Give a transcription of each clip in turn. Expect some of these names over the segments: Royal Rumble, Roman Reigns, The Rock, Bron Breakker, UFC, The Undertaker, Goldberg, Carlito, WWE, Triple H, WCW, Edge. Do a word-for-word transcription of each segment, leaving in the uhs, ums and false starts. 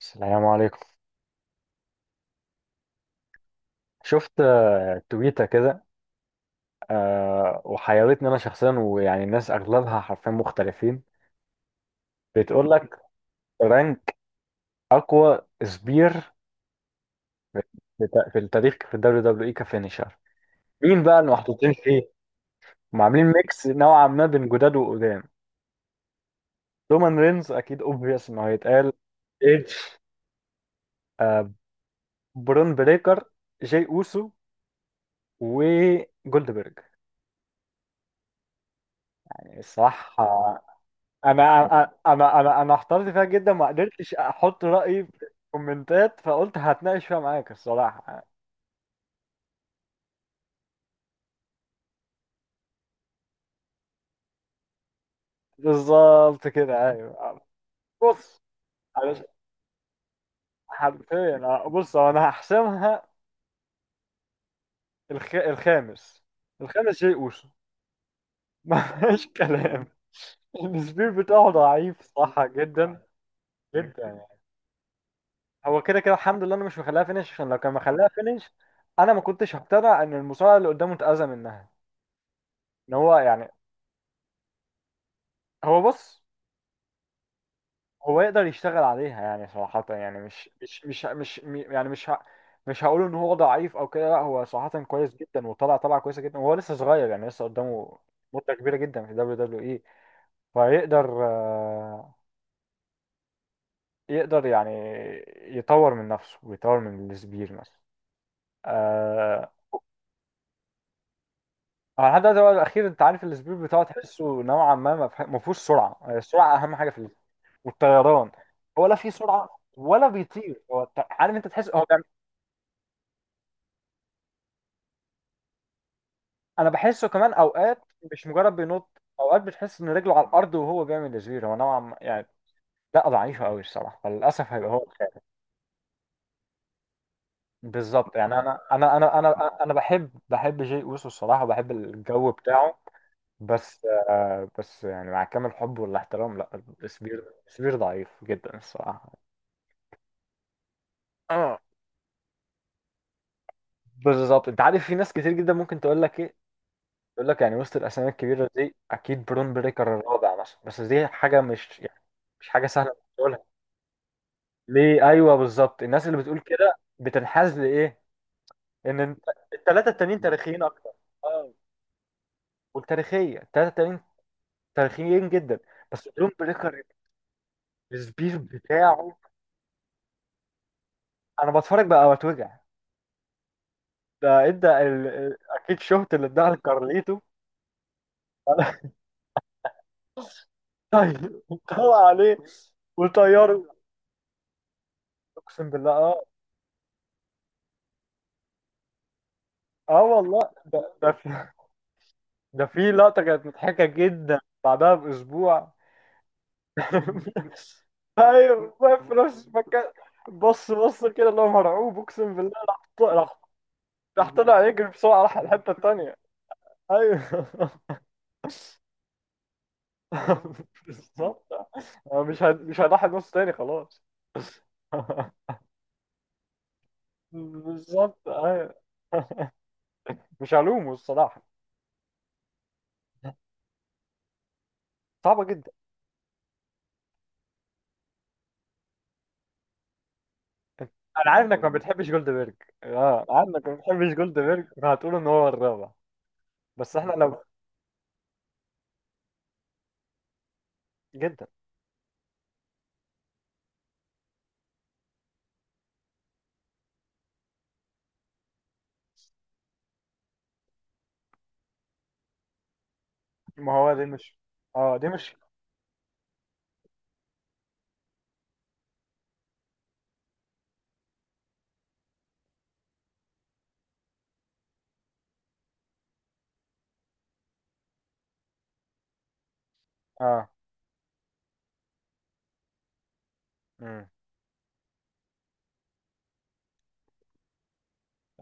السلام عليكم. شفت آه، تويتة كده. آه، وحيرتني أنا شخصيا، ويعني الناس أغلبها حرفيا مختلفين. بتقول لك رانك أقوى سبير في في- في التاريخ في الدبليو دبليو إي كفينيشر. مين بقى اللي محطوطين فيه؟ وعاملين ميكس نوعا ما بين جداد وقدام. رومان رينز أكيد أوبفيوس إنه هيتقال، إيدج، آه، برون بريكر، جاي أوسو، وجولدبرج. الصراحة انا انا انا انا أنا احترت فيها جدا، ما قدرتش احط رايي في الكومنتات، فقلت هتناقش فيها معاك الصراحه. بالظبط كده، ايوه. بص. علش- حرفيا أنا- بص، هو انا هحسمها. الخ... الخامس. الخامس شيء اوسو. ما فيهاش كلام. السبير بتاعه ضعيف صح، جدا. جدا يعني. هو كده كده الحمد لله انا مش مخليها فينش، عشان لو كان مخليها فينش انا ما كنتش هقتنع ان المصارع اللي قدامه اتاذى منها. ان هو يعني هو بص، هو يقدر يشتغل عليها يعني، صراحة يعني مش مش مش مش م- يعني مش ه- مش هقول ان هو ضعيف او كده، لا هو صراحة كويس جدا وطلع طلعة كويسة جدا، وهو لسه صغير يعني لسه قدامه مدة كبيرة جدا في دبليو دبليو اي. فيقدر آه، يقدر يعني يطور من نفسه ويطور من السبير مثلا. آه، هو لحد دلوقتي هو الاخير. انت عارف السبير بتاعه تحسه نوعا ما ما فيه- ما فيهوش سرعة، يعني السرعة اهم حاجة في ال- والطيران. هو لا فيه سرعة ولا بيطير، هو ت- عارف، انت تحس هو انا بحسه كمان اوقات مش مجرد بينط. اوقات بتحس ان رجله على الارض وهو بيعمل تزوير، هو نوعا ما يعني لا، ضعيفه قوي الصراحه، فللاسف هيبقى هو الخامس. بالظبط يعني انا انا انا انا انا بحب بحب جي اوسو الصراحه، وبحب الجو بتاعه، بس آه، بس يعني مع كامل حب والاحترام، لا، سبير سبير ضعيف جدا الصراحه. اه بالظبط. انت عارف في ناس كتير جدا ممكن تقول لك ايه، تقول لك يعني وسط الاسامي الكبيره دي اكيد برون بريكر الرابع مثلا، بس دي حاجه مش يعني مش حاجه سهله. ليه؟ ايوه بالظبط. الناس اللي بتقول كده بتنحاز لايه؟ ان انت الثلاثه التانيين تاريخيين اكتر. اه، والتاريخيه الثلاثه التانيين تاريخيين جدا. بس درون بريكر السبيش بتاعه، انا بتفرج بقى واتوجع. ده ادى ال... ال- اكيد شفت اللي اداها لكارليتو. طيب، طلع عليه وطيره، اقسم بالله. اه، اه والله، ده ده في، ده في لقطه كانت مضحكه جدا بعدها باسبوع. ايوه واقف في نفس المكان. بص، بص كده اللي هو مرعوب، اقسم بالله راح ط- راح، راح طلع يجري بسرعه، راح الحته التانيه. ايوه. بالظبط. أنا مش هد... مش هضحي نص تاني خلاص. بالظبط، ايوه. مش هلومه الصراحه، صعبه جدا. انا عارف انك ما بتحبش جولدبرج. اه، عارف انك ما بتحبش جولدبرج فهتقول ان هو الرابع. بس احنا لو جدا. ما هو دي مش، اه دي مش، اه. مم.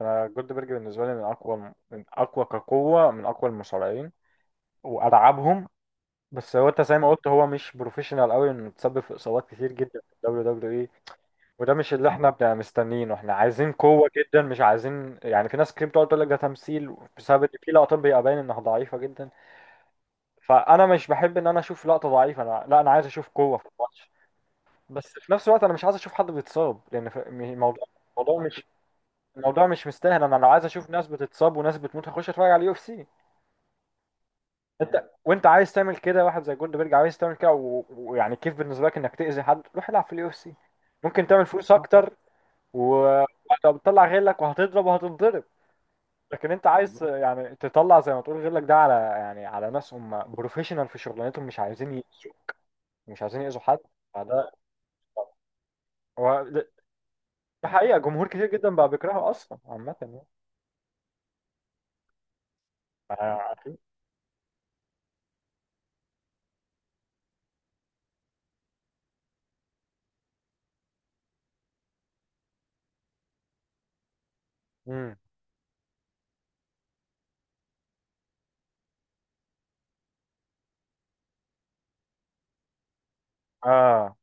انا جولدبرج بالنسبه لي من اقوى من اقوى كقوه، من اقوى المصارعين والعبهم. بس هو، انت زي ما قلت، هو مش بروفيشنال قوي، انه تسبب في اصابات كتير جدا في الدبليو دبليو اي. وده مش اللي احنا بنبقى مستنيينه، احنا عايزين قوه جدا، مش عايزين يعني. في ناس كتير بتقعد تقول لك ده تمثيل بسبب ان في لقطات بيبقى باين انها ضعيفه جدا. فانا مش بحب ان انا اشوف لقطه ضعيفه، انا لا، انا عايز اشوف قوه في الماتش. بس في نفس الوقت انا مش عايز اشوف حد بيتصاب، لان ف- م- الموضوع، الموضوع مش الموضوع مش مستاهل. انا لو عايز اشوف ناس بتتصاب وناس بتموت هخش اتفرج على اليو اف سي. انت، وانت عايز تعمل كده، واحد زي جولدبرج عايز تعمل كده و- ويعني كيف بالنسبه لك انك تاذي حد، روح العب في اليو اف سي. ممكن تعمل فلوس صح، اكتر. وهتطلع غيرك وهتضرب وهتنضرب. لكن انت عايز بالظبط يعني تطلع زي ما تقول غيرك ده على يعني، على ناس هم بروفيشنال في شغلانتهم، مش عايزين يأذوا، مش عايزين يأذوا حد. فده هو ده، ده حقيقه جمهور كتير جدا بقى بيكرهه اصلا عامه يعني. آه. مم. آه.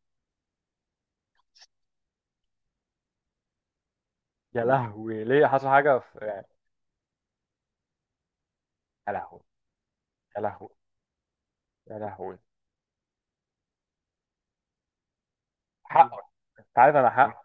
يا لهوي، ليه؟ حصل حاجه في يعني؟ يا لهوي. يا لهوي. يا لهوي. حقه. انت عارف انا حق.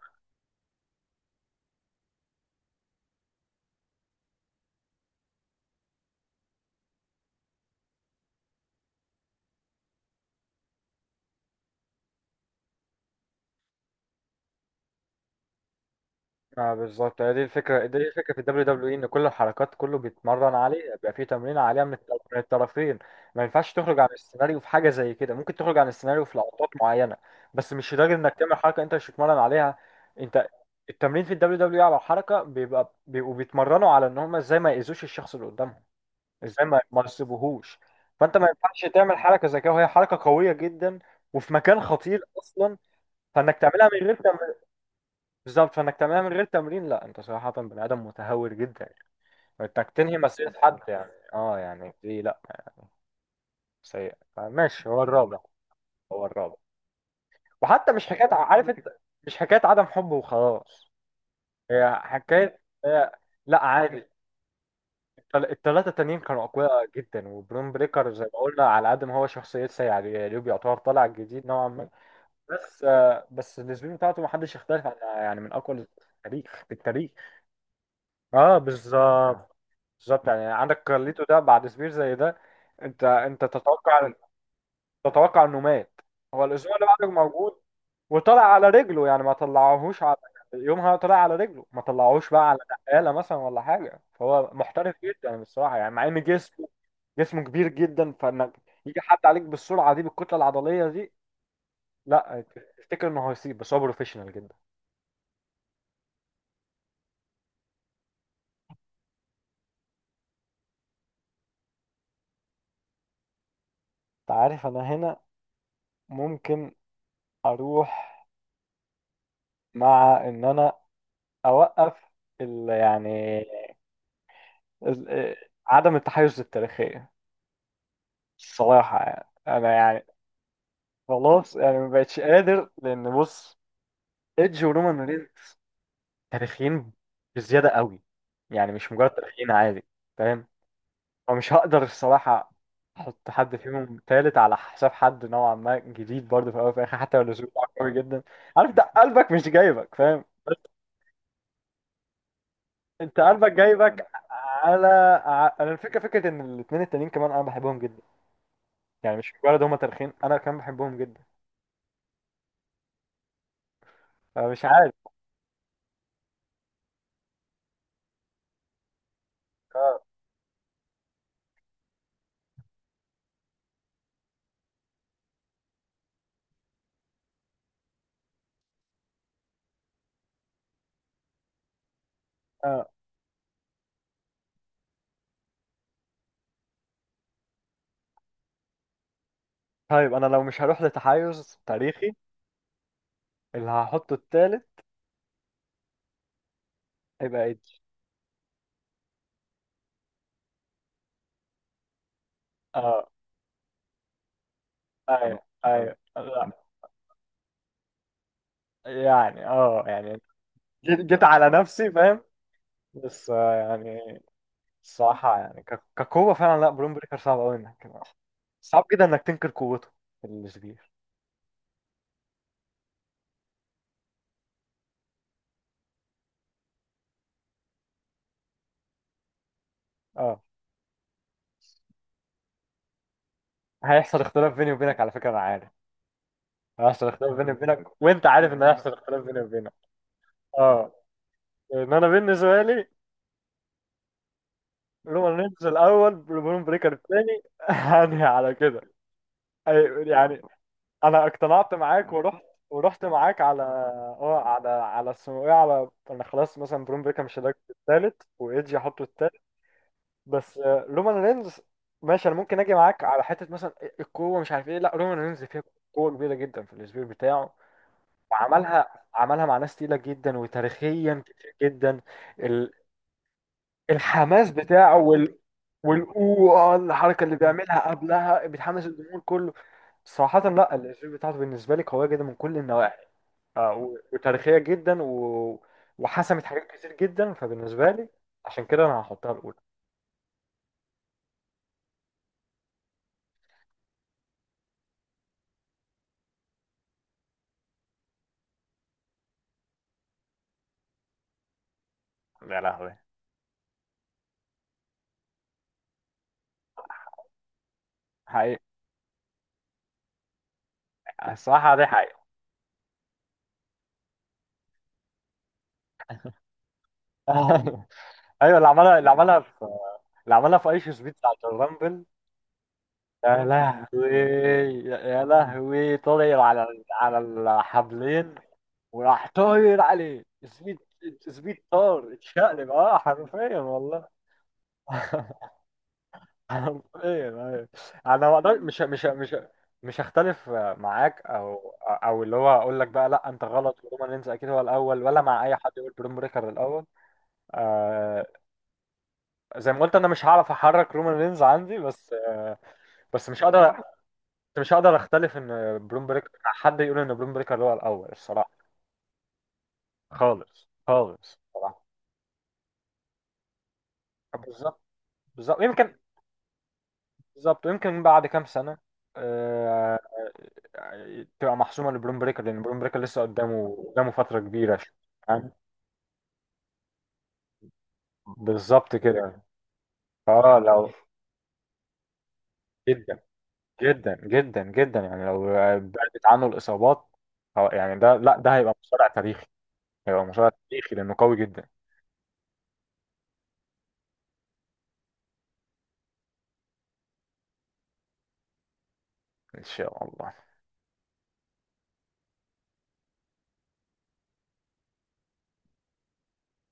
اه بالظبط، هي دي الفكرة، دي الفكرة في الدبليو دبليو اي، ان كل الحركات كله بيتمرن عليها، بيبقى فيه تمرين عليها من الت- من الطرفين. ما ينفعش تخرج عن السيناريو في حاجة زي كده. ممكن تخرج عن السيناريو في لقطات معينة، بس مش لدرجة انك تعمل حركة انت مش بتتمرن عليها. انت، التمرين في الدبليو دبليو اي على الحركة بيبقى بيبقوا بيتمرنوا على ان هم ازاي ما يأذوش الشخص اللي قدامهم، ازاي ما ما يصيبوهوش. فانت ما ينفعش تعمل حركة زي كده وهي حركة قوية جدا وفي مكان خطير اصلا، فانك تعملها من غير تمرين. بالظبط، فانك تعملها من غير تمرين، لا، انت صراحة بني ادم متهور جدا. انك تنهي مسيرة حد يعني، اه يعني دي لا. سيء. ماشي، هو الرابع. هو الرابع. وحتى مش حكاية ع- عارف انت، مش حكاية عدم حب وخلاص. هي حكاية، هي لا عادي. التل- التلاتة التانيين كانوا أقوياء جدا، وبرون بريكر زي ما قلنا على قد ما هو شخصية سيئة اليوب يعتبر طالع جديد نوعا ما، بس آه، بس السبين بتاعته محدش يختلف عنها، يعني من أقوى التاريخ، في التاريخ. اه بالظبط. بالظبط يعني عندك كارليتو ده بعد سبير زي ده، انت انت تتوقع، تتوقع انه مات. هو الاسبوع اللي بعده موجود وطلع على رجله، يعني ما طلعوهوش على، يومها طلع على رجله، ما طلعوهوش بقى على نقاله مثلا ولا حاجه. فهو محترف جدا بصراحه، يعني مع ان جسمه، جسمه كبير جدا، فانك يجي حد عليك بالسرعه دي بالكتله العضليه دي، لا، تفتكر انه هيسيب، بس هو بروفيشنال جدا. انت عارف انا هنا ممكن اروح، مع ان انا اوقف ال- يعني ال- عدم التحيز التاريخية الصراحة يعني، أنا يعني خلاص يعني، ما بقتش قادر. لأن بص، إيدج ورومان رينز تاريخيين بزيادة قوي، يعني مش مجرد تاريخيين عادي، فاهم؟ فمش هقدر الصراحة أحط حد فيهم تالت على حساب حد نوعا ما جديد برضه في الأول وفي الآخر، حتى لو الأسلوب بتاعه قوي جدا. عارف، ده قلبك مش جايبك، فاهم، بس أنت قلبك جايبك على، ع- أنا الفكرة فكرة إن الاتنين التانيين كمان أنا بحبهم جدا. يعني مش مجرد هما تاريخيين، أنا كمان بحبهم جدا. أنا مش عارف. اه، اه. طيب انا لو مش هروح لتحيز تاريخي، اللي هحطه التالت هيبقى ايدج. اه ايوه، ايوه لا، يعني اه يعني، جيت جيت على نفسي، فاهم. بس آه، يعني الصراحة يعني ك- كقوة فعلا لا، برون بريكر صعب قوي انك صعب جدا انك تنكر قوته الكبير. اه. هيحصل اختلاف بيني وبينك على فكرة، انا عارف هيحصل اختلاف بيني وبينك، وانت عارف ان هيحصل اختلاف بيني وبينك. اه، ان انا بالنسبة لي رومان رينز الاول، برون بريكر الثاني. هاني على كده. أي- يعني انا اقتنعت معاك ورحت، ورحت معاك على، اه على على اسمه ايه، على انا خلاص مثلا برون بريكر مش هداك الثالث، وايدج هحطه الثالث. بس آه، رومان رينز ماشي، انا ممكن اجي معاك على حته مثلا القوه مش عارف ايه، لا رومان رينز فيها قوه كبيره جدا في الاسبوع بتاعه، وعملها، عملها مع ناس تقيله جدا وتاريخيا كتير جدا. الحماس بتاعه وال، والأوه الحركة اللي بيعملها قبلها بتحمس الجمهور كله. صراحة لا الأسلوب بتاعته بالنسبة لي قوية جدا من كل النواحي. آه، و- وتاريخية جدا و... وحسمت حاجات كتير جدا، فبالنسبة لي عشان كده أنا هحطها الأولى. يا لهوي. حقيقة. الصراحة دي حقيقة. أيوه، اللي عملها، اللي عملها في اللي عملها في أيش سبيد بتاعت الرامبل. يا لهوي. يا يا لهوي طلع على، على الحبلين وراح طاير عليه سبيد. سبيد طار، اتشقلب اه حرفيا والله. حرفيا، أيوة. انا ما أقدر- مش مش مش مش هختلف معاك، او او اللي هو اقول لك بقى لا انت غلط ورومان رينز اكيد هو الاول، ولا مع اي حد يقول بروم بريكر الاول. آه، زي ما قلت انا مش هعرف احرك رومان رينز عندي، بس آه بس مش هقدر، مش هقدر اختلف ان بروم بريكر، حد يقول ان بروم بريكر هو الاول الصراحه، خالص خالص صراحه. بالظبط. بالظبط يمكن، بالظبط، ويمكن بعد كام سنة آه، تبقى محسومة لبرون بريكر، لأن برون بريكر لسه قدامه، قدامه فترة كبيرة شوية. يعني بالظبط كده. فاه لو، جدا جدا جدا جدا يعني لو بعدت عنه الإصابات آه، يعني ده لا، ده هيبقى مصارع تاريخي، هيبقى مصارع تاريخي لأنه قوي جدا. إن شاء الله.